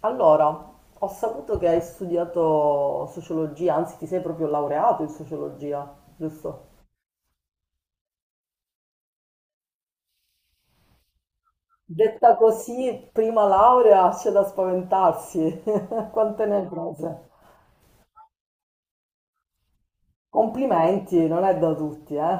Allora, ho saputo che hai studiato sociologia, anzi ti sei proprio laureato in sociologia, giusto? Detta così, prima laurea, c'è da spaventarsi. Quante ne hai prese? Complimenti, non è da tutti, eh?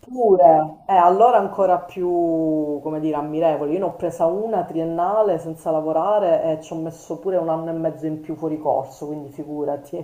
Pure, allora ancora più, come dire, ammirevole. Io ne ho presa una triennale senza lavorare e ci ho messo pure un anno e mezzo in più fuori corso, quindi figurati.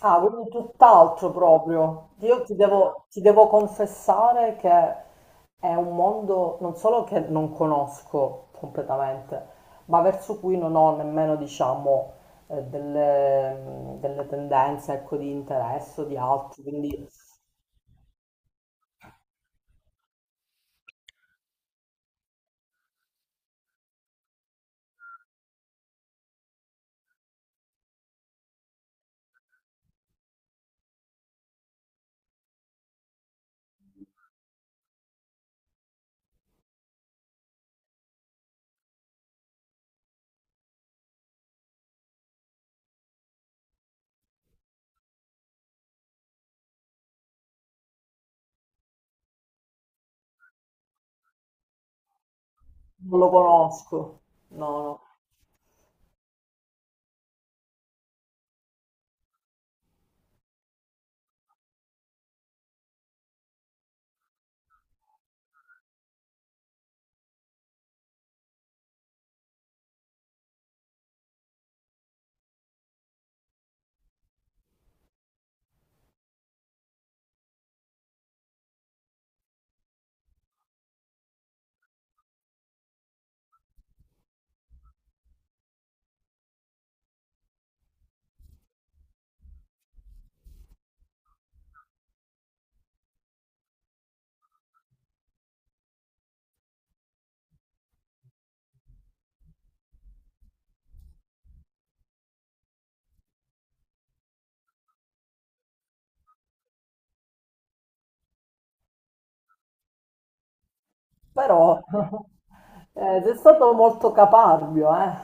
Ah, quindi tutt'altro proprio. Io ti devo confessare che è un mondo non solo che non conosco completamente, ma verso cui non ho nemmeno, diciamo, delle, delle tendenze, ecco, di interesse o di altro, quindi non lo conosco. No, no. Però sei stato molto caparbio, eh.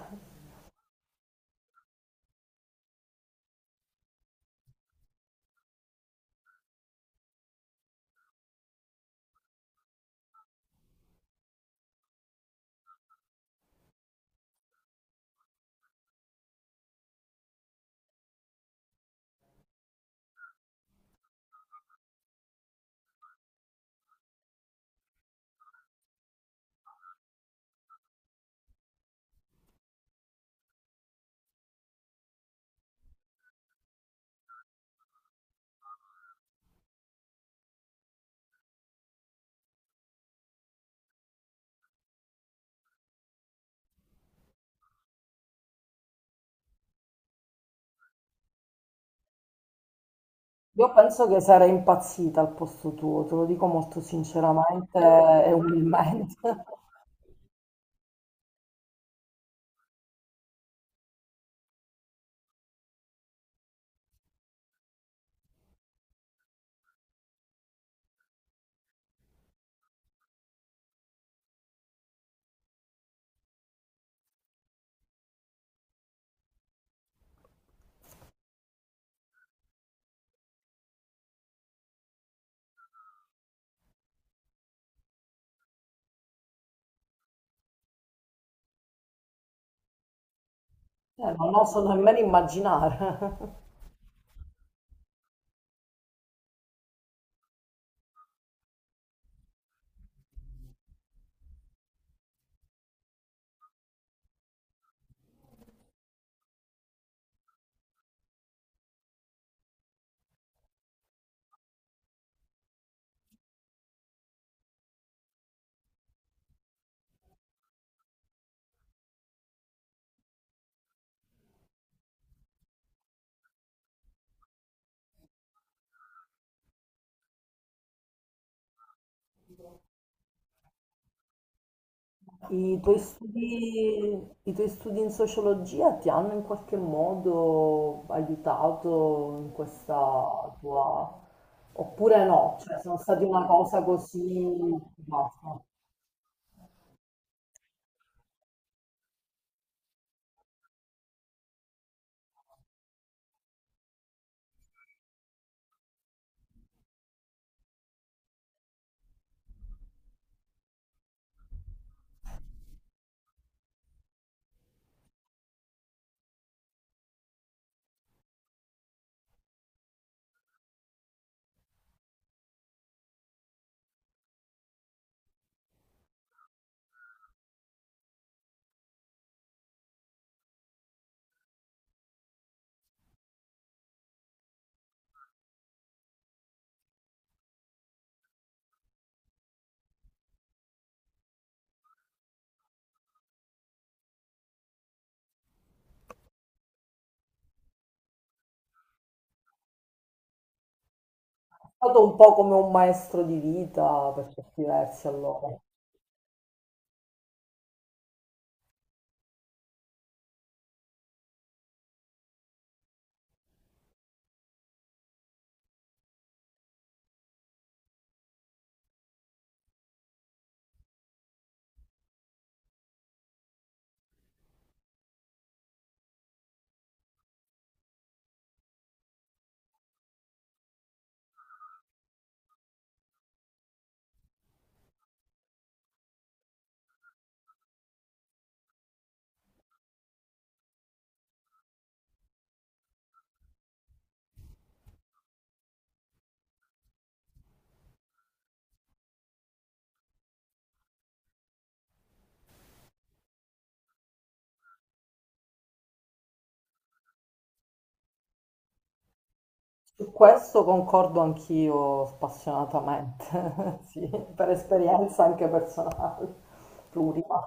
Io penso che sarei impazzita al posto tuo, te lo dico molto sinceramente e umilmente. Non oso nemmeno immaginare. I tuoi studi in sociologia ti hanno in qualche modo aiutato in questa tua... oppure no? Cioè, sono stati una cosa così... basta. È stato un po' come un maestro di vita per certi versi allora. Su questo concordo anch'io spassionatamente, sì, per esperienza anche personale, plurima.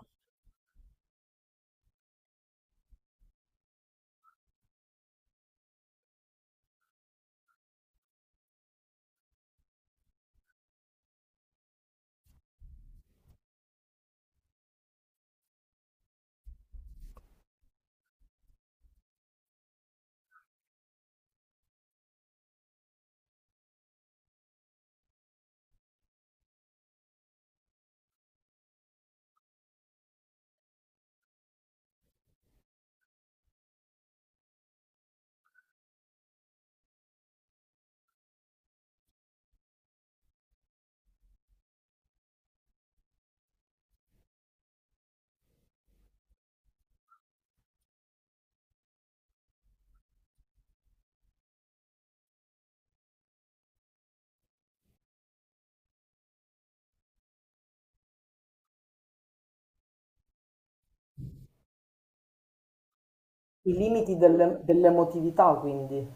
I limiti delle- dell'emotività, quindi.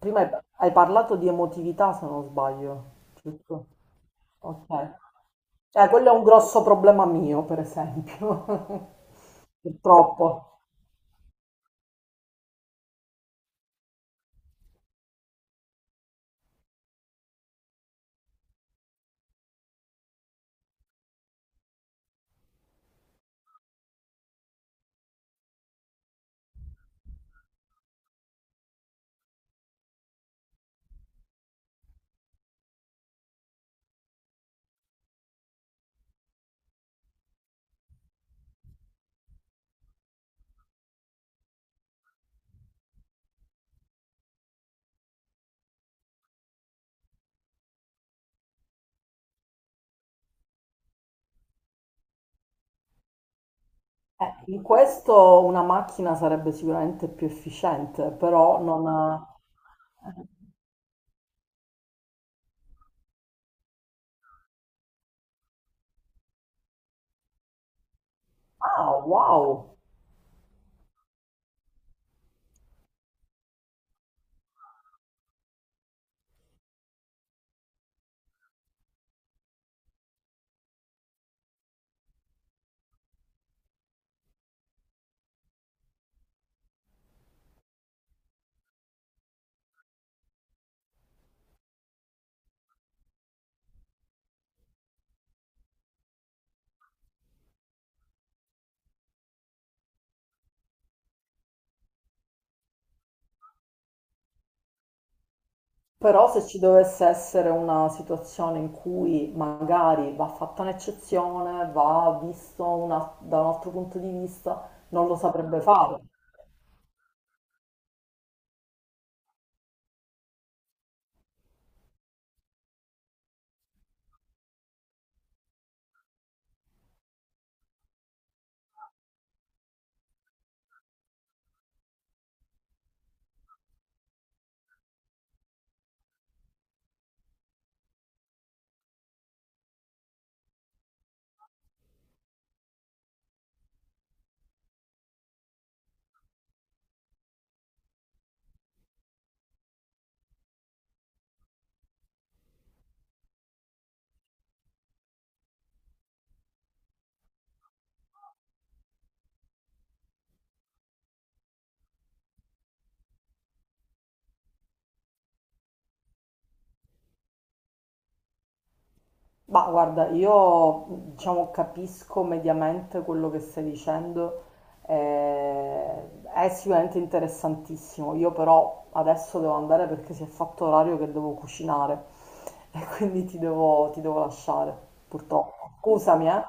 Prima hai parlato di emotività, se non sbaglio, giusto? Ok. Quello è un grosso problema mio, per esempio, purtroppo. In questo una macchina sarebbe sicuramente più efficiente, però non... ha- Ah, wow! Però se ci dovesse essere una situazione in cui magari va fatta un'eccezione, va visto una- da un altro punto di vista, non lo saprebbe fare. Ma guarda, io diciamo capisco mediamente quello che stai dicendo, è sicuramente interessantissimo. Io però adesso devo andare perché si è fatto orario che devo cucinare e quindi ti devo lasciare, purtroppo. Scusami, eh.